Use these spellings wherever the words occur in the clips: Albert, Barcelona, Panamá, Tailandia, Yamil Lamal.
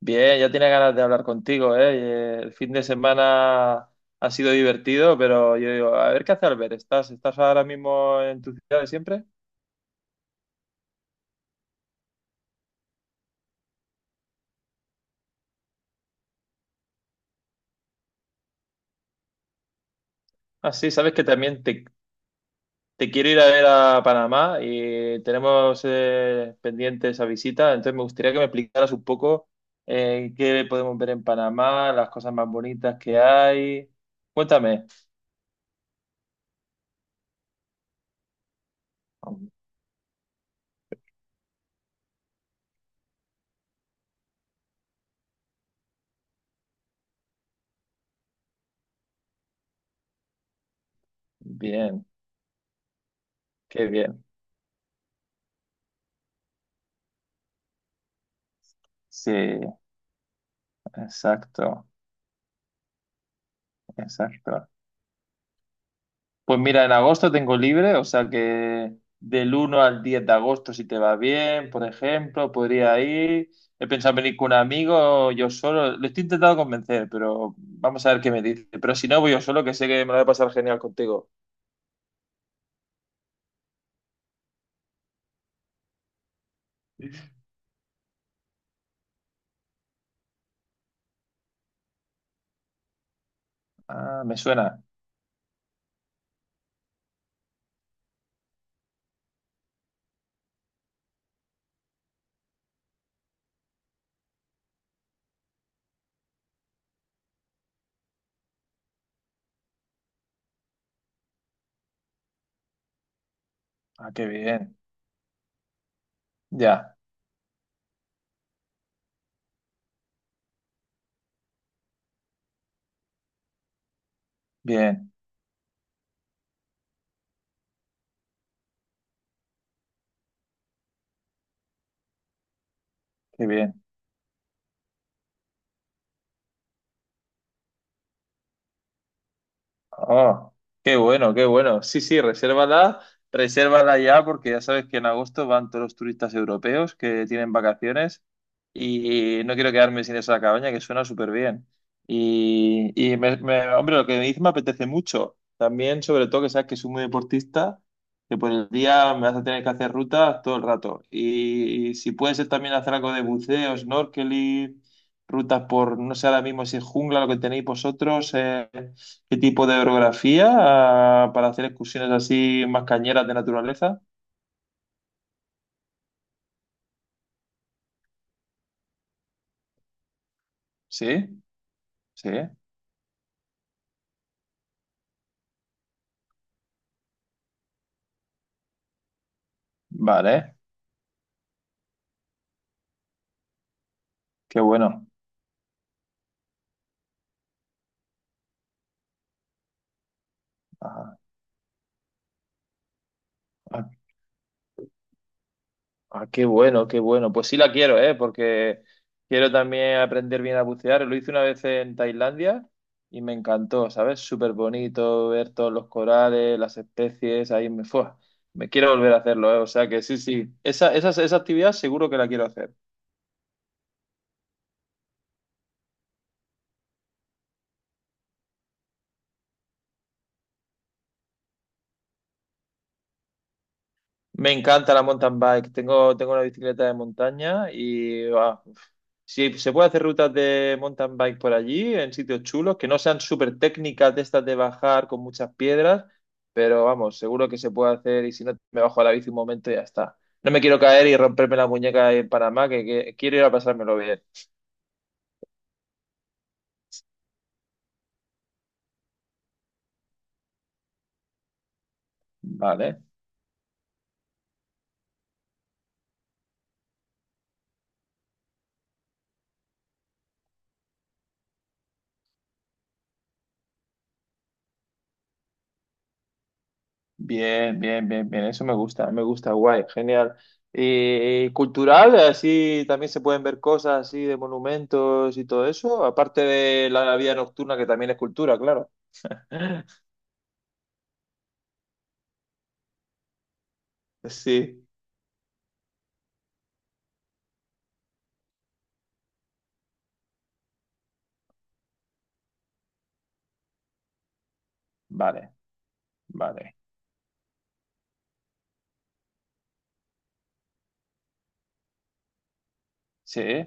Bien, ya tenía ganas de hablar contigo, ¿eh? El fin de semana ha sido divertido, pero yo digo, a ver qué hace Albert, ¿estás ahora mismo en tu ciudad de siempre? Ah, sí, sabes que también te quiero ir a ver a Panamá y tenemos pendiente esa visita, entonces me gustaría que me explicaras un poco qué podemos ver en Panamá, las cosas más bonitas que hay. Cuéntame. Bien, qué bien. Sí, exacto, exacto. Pues mira, en agosto tengo libre, o sea que del 1 al 10 de agosto, si te va bien, por ejemplo, podría ir. He pensado venir con un amigo, yo solo. Lo estoy intentando convencer, pero vamos a ver qué me dice. Pero si no, voy yo solo, que sé que me lo voy a pasar genial contigo. Ah, me suena. Ah, qué bien. Ya, bien, qué bien. Ah, qué bueno, qué bueno. Sí, sí, resérvala, resérvala ya porque ya sabes que en agosto van todos los turistas europeos que tienen vacaciones y no quiero quedarme sin esa cabaña que suena súper bien. Y, hombre, lo que me dices me apetece mucho. También, sobre todo, que sabes que soy muy deportista, que por el día me vas a tener que hacer rutas todo el rato. Y si puede ser también hacer algo de buceo, snorkeling, rutas por, no sé ahora mismo si es jungla lo que tenéis vosotros. ¿Qué tipo de orografía? Ah, para hacer excursiones así más cañeras de naturaleza. Sí, sí. Vale, qué bueno. Ajá. Ah, ah, qué bueno, qué bueno. Pues sí la quiero, ¿eh? Porque quiero también aprender bien a bucear. Lo hice una vez en Tailandia y me encantó, ¿sabes? Súper bonito ver todos los corales, las especies, ahí me fue. Me quiero volver a hacerlo, ¿eh? O sea que sí, sí. Esa actividad seguro que la quiero hacer. Me encanta la mountain bike. Tengo una bicicleta de montaña y ah, si se puede hacer rutas de mountain bike por allí, en sitios chulos, que no sean súper técnicas de estas de bajar con muchas piedras, pero vamos, seguro que se puede hacer y si no, me bajo a la bici un momento y ya está. No me quiero caer y romperme la muñeca en Panamá, que quiero ir a pasármelo bien. Vale. Bien, bien, bien, bien, eso me gusta, guay, genial. ¿Y cultural? Así también se pueden ver cosas así de monumentos y todo eso, aparte de la vida nocturna que también es cultura, claro. Sí, vale, vale. Sí, qué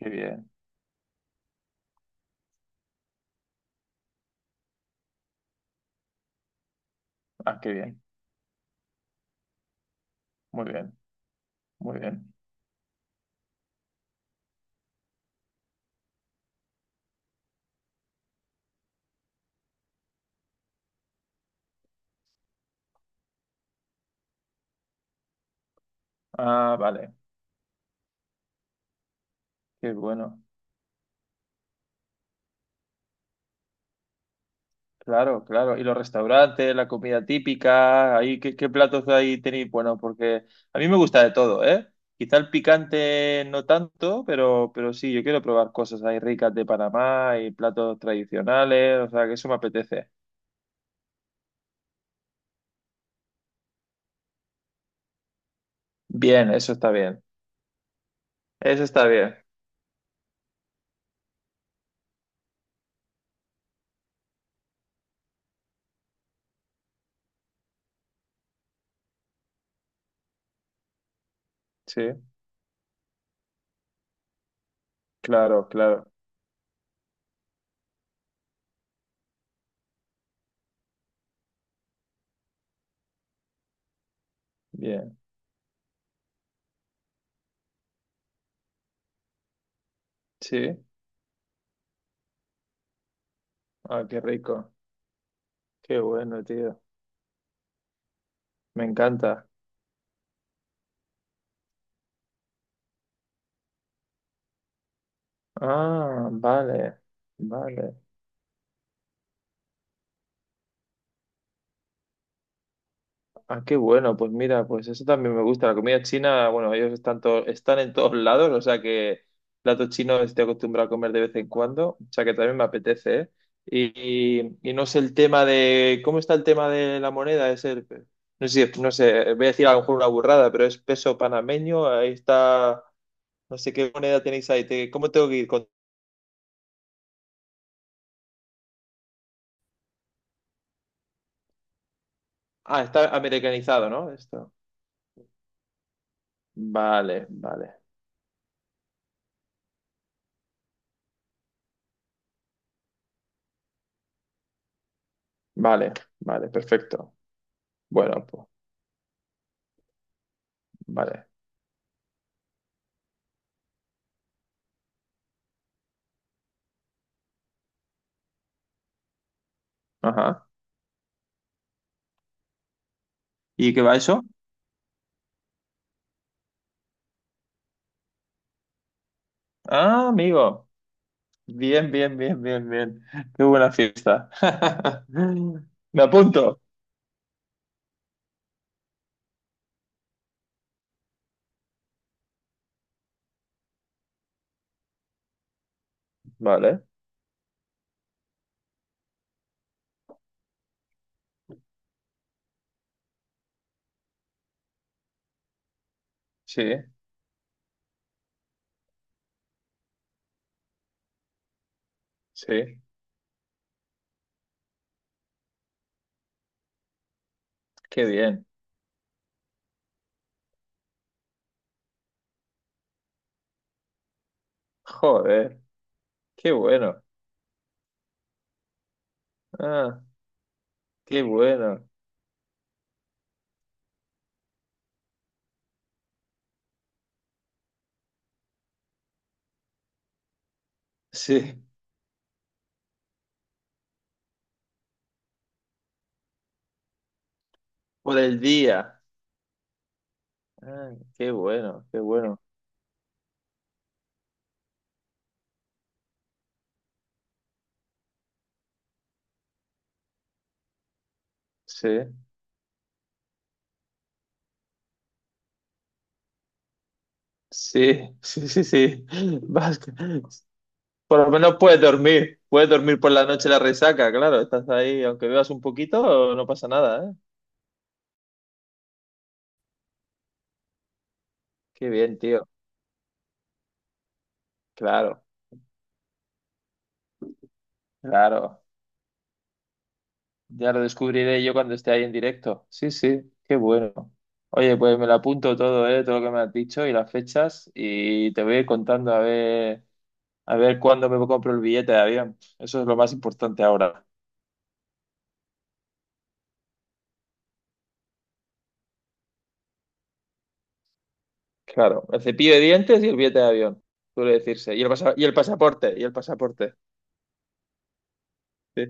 bien, ah, qué bien, muy bien, muy bien. Ah, vale, qué bueno. Claro, claro. Y los restaurantes, la comida típica, ahí, ¿qué platos ahí tenéis? Bueno, porque a mí me gusta de todo, ¿eh? Quizá el picante no tanto, pero sí, yo quiero probar cosas ahí ricas de Panamá y platos tradicionales, o sea, que eso me apetece. Bien, eso está bien. Eso está bien. Sí, claro, claro. Bien, sí. Ah, qué rico. Qué bueno, tío. Me encanta. Ah, vale, vale. Ah, qué bueno, pues mira, pues eso también me gusta. La comida china, bueno, ellos están, están en todos lados, o sea que plato chino estoy acostumbrado a comer de vez en cuando, o sea que también me apetece, ¿eh? Y, y no sé el tema de, ¿cómo está el tema de la moneda? Es el, no sé, si, no sé, voy a decir a lo mejor una burrada, pero es peso panameño, ahí está, no sé qué moneda tenéis ahí, ¿cómo tengo que ir con... Ah, está americanizado, ¿no? Esto. Vale, vale, vale, vale, perfecto. Bueno, pues, vale. Ajá. ¿Y qué va eso? Ah, amigo. Bien, bien, bien, bien, bien. Qué buena fiesta. Me apunto. Vale. Sí, sí. Qué bien. Joder. Qué bueno. Ah, qué bueno. Sí. Por el día. Ah, qué bueno, qué bueno. Sí, sí, sí, sí, sí. Vas que- Por lo menos puedes dormir. Puedes dormir por la noche la resaca, claro. Estás ahí, aunque bebas un poquito, no pasa nada, ¿eh? Qué bien, tío. Claro. Claro, ya lo descubriré yo cuando esté ahí en directo. Sí, sí, qué bueno. Oye, pues me lo apunto todo, todo lo que me has dicho y las fechas y te voy a ir contando a ver cuándo me compro el billete de avión. Eso es lo más importante ahora. Claro, el cepillo de dientes y el billete de avión, suele decirse. Y y el pasaporte, y el pasaporte. Sí,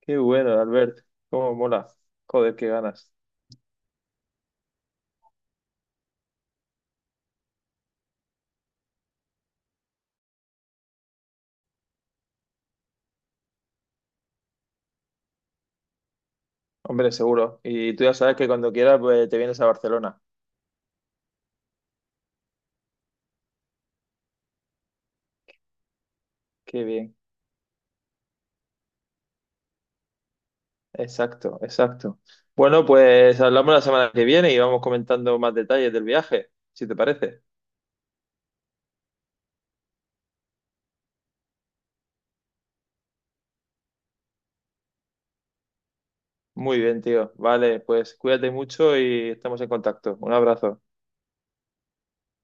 qué bueno, Albert. Cómo mola. Joder, qué ganas. Hombre, seguro. Y tú ya sabes que cuando quieras, pues, te vienes a Barcelona. Qué bien. Exacto, exacto. Bueno, pues hablamos la semana que viene y vamos comentando más detalles del viaje, si te parece. Muy bien, tío. Vale, pues cuídate mucho y estamos en contacto. Un abrazo.